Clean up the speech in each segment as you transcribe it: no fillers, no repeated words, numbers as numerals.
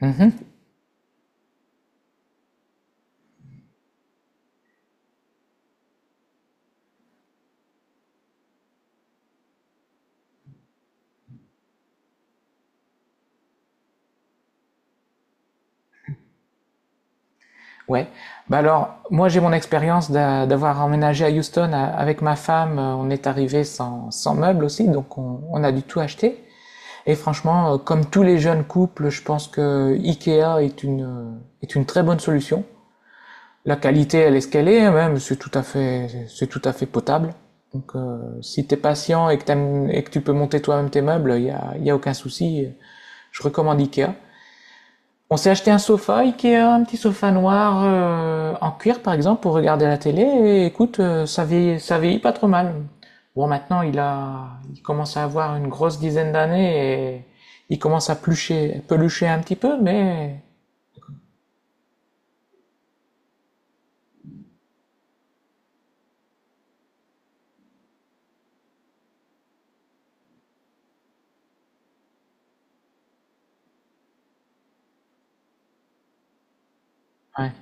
Mhm. Ouais. Bah alors, moi j'ai mon expérience d'avoir emménagé à Houston avec ma femme. On est arrivé sans meubles aussi, donc on a du tout acheté. Et franchement, comme tous les jeunes couples, je pense que IKEA est une très bonne solution. La qualité, elle est ce qu'elle est, même c'est tout à fait potable. Donc si t'es patient et que tu peux monter toi-même tes meubles, il y a aucun souci. Je recommande IKEA. On s'est acheté un sofa Ikea, un petit sofa noir en cuir par exemple pour regarder la télé et écoute, ça vieillit pas trop mal. Bon, maintenant il commence à avoir une grosse dizaine d'années et il commence à plucher, pelucher un petit peu, mais ouais.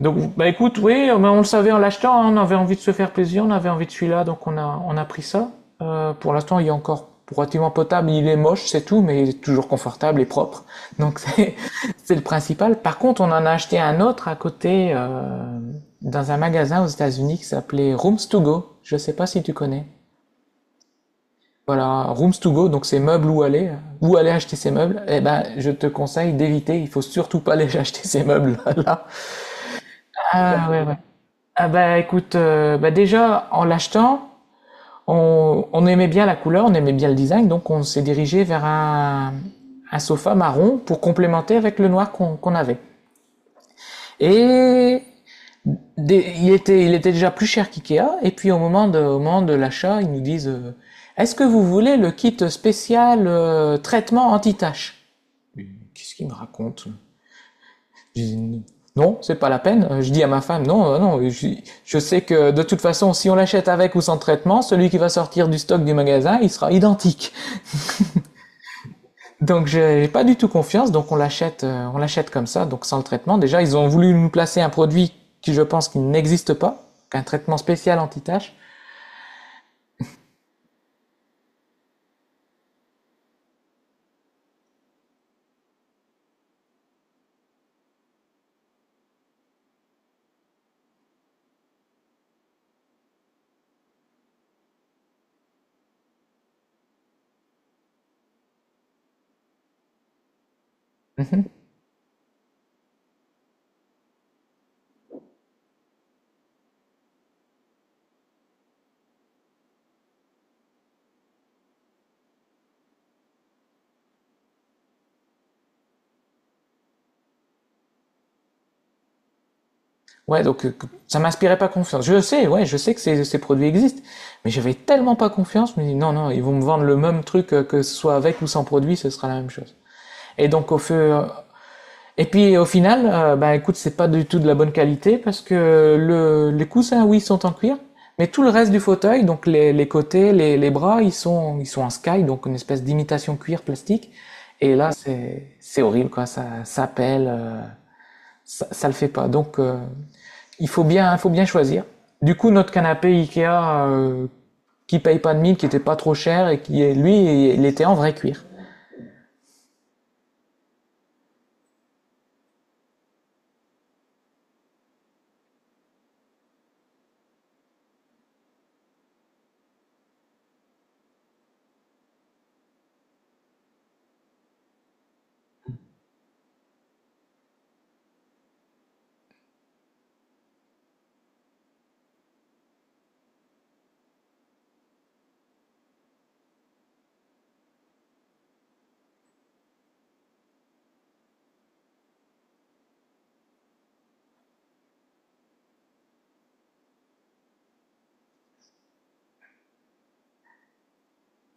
Donc, bah écoute, oui, mais on le savait en l'achetant, hein, on avait envie de se faire plaisir, on avait envie de celui-là, donc on a pris ça. Pour l'instant, il est encore relativement potable, il est moche, c'est tout, mais il est toujours confortable et propre. Donc c'est, c'est le principal. Par contre, on en a acheté un autre à côté, dans un magasin aux États-Unis qui s'appelait Rooms to Go. Je sais pas si tu connais. Voilà, Rooms to Go, donc c'est meubles où aller acheter ces meubles. Eh ben, je te conseille d'éviter, il faut surtout pas aller acheter ces meubles là. Ah ouais, ouais. Ah bah écoute, bah déjà en l'achetant, on aimait bien la couleur, on aimait bien le design, donc on s'est dirigé vers un sofa marron pour complémenter avec le noir qu'on avait. Et il il était déjà plus cher qu'IKEA, et puis au moment de l'achat, ils nous disent est-ce que vous voulez le kit spécial traitement anti-tache? Mais qu'est-ce qu'il me raconte? J'ai dit non, c'est pas la peine. Je dis à ma femme, non, non, je sais que de toute façon, si on l'achète avec ou sans traitement, celui qui va sortir du stock du magasin, il sera identique. Donc j'ai pas du tout confiance, donc on l'achète comme ça, donc sans le traitement. Déjà, ils ont voulu nous placer un produit qui, je pense, qui n'existe pas, un traitement spécial anti-tache. Mhm. Ouais, donc ça m'inspirait pas confiance. Je sais, ouais, je sais que ces produits existent, mais j'avais tellement pas confiance, je me dis non, non, ils vont me vendre le même truc que ce soit avec ou sans produit, ce sera la même chose. Et donc au feu. Et puis au final, bah écoute, c'est pas du tout de la bonne qualité parce que le, les coussins, oui, sont en cuir, mais tout le reste du fauteuil, donc les côtés, les bras, ils sont en sky, donc une espèce d'imitation cuir plastique. Et là, c'est horrible, quoi. Ça pèle, ça, ça le fait pas. Donc, il faut faut bien choisir. Du coup, notre canapé Ikea, qui paye pas de mine, qui était pas trop cher et qui, lui, il était en vrai cuir.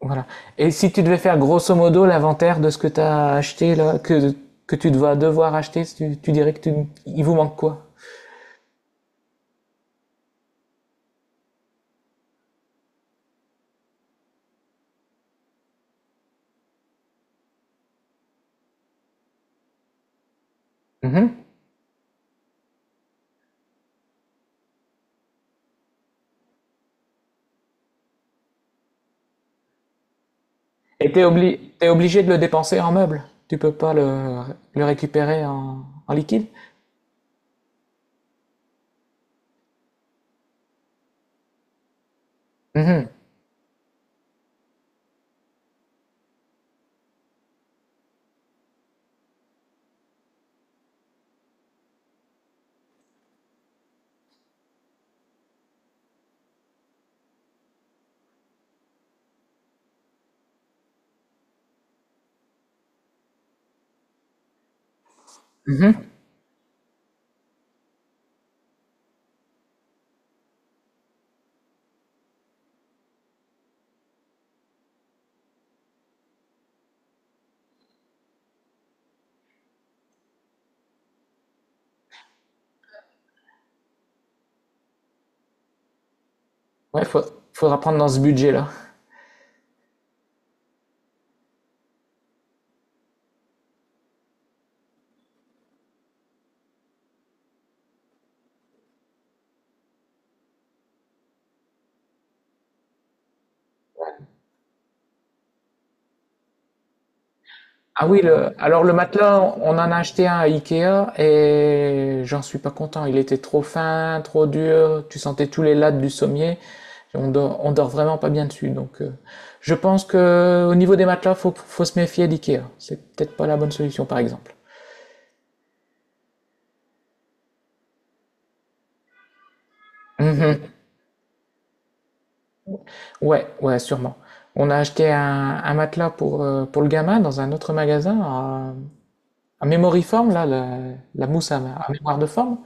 Voilà. Et si tu devais faire grosso modo l'inventaire de ce que tu as acheté, là, que tu vas devoir acheter, tu dirais que tu, il vous manque quoi? Mhm. Et t'es obligé de le dépenser en meubles. Tu peux pas le récupérer en, en liquide. Mhm. Ouais, faudra prendre dans ce budget-là. Ah oui, le, alors le matelas, on en a acheté un à Ikea et j'en suis pas content. Il était trop fin, trop dur. Tu sentais tous les lattes du sommier. On dort vraiment pas bien dessus. Donc, je pense que au niveau des matelas, faut se méfier d'Ikea. C'est peut-être pas la bonne solution, par exemple. Mhm. Ouais, ouais, sûrement. On a acheté un matelas pour le gamin dans un autre magasin, à Mémoriforme, là, la mousse à mémoire de forme.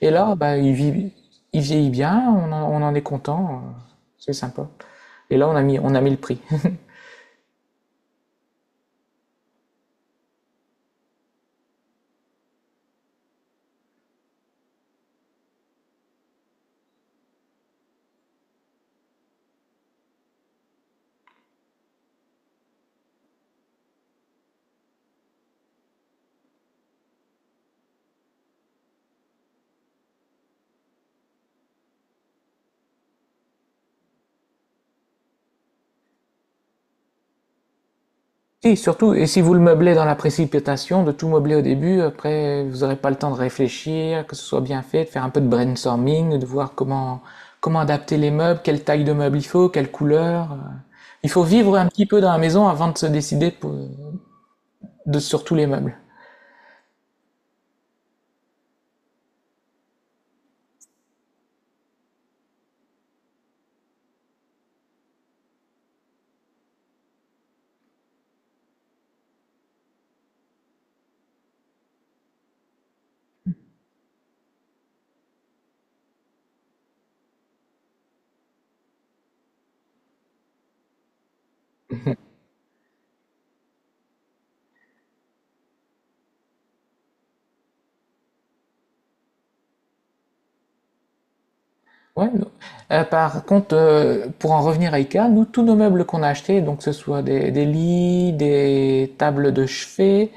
Et là, bah, il vieillit bien, on en est content, c'est sympa. Et là, on a mis le prix. Et surtout, et si vous le meublez dans la précipitation, de tout meubler au début, après, vous n'aurez pas le temps de réfléchir, que ce soit bien fait, de faire un peu de brainstorming, de voir comment, comment adapter les meubles, quelle taille de meuble il faut, quelle couleur. Il faut vivre un petit peu dans la maison avant de se décider sur tous les meubles. Ouais, non. Par contre, pour en revenir à IKEA, nous, tous nos meubles qu'on a achetés, donc que ce soit des lits, des tables de chevet,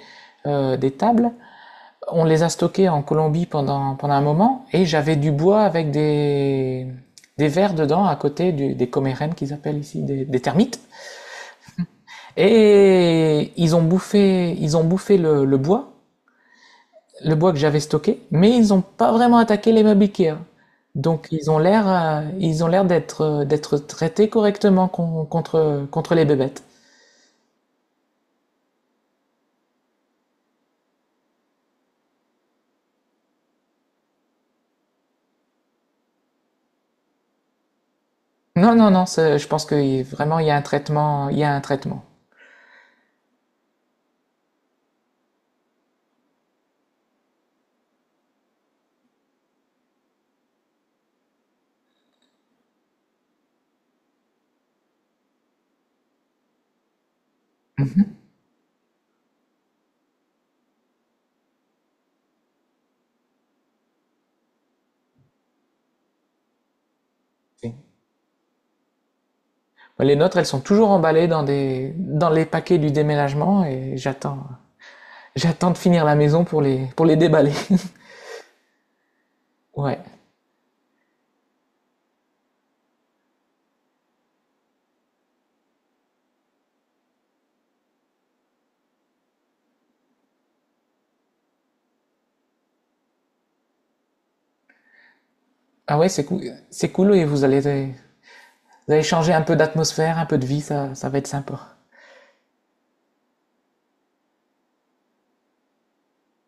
des tables, on les a stockés en Colombie pendant, pendant un moment et j'avais du bois avec des vers dedans à côté des comérènes qu'ils appellent ici, des termites. Et ils ont bouffé le bois, le bois que j'avais stocké, mais ils n'ont pas vraiment attaqué les meubles Ikea. Donc ils ont l'air d'être, d'être traités correctement contre, contre les bébêtes. Non, non, non, je pense que vraiment il y a un traitement. Oui. Les nôtres, elles sont toujours emballées dans dans les paquets du déménagement et j'attends de finir la maison pour pour les déballer. Ouais. Ah ouais, c'est cool et vous allez changer un peu d'atmosphère, un peu de vie, ça va être sympa.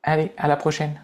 Allez, à la prochaine.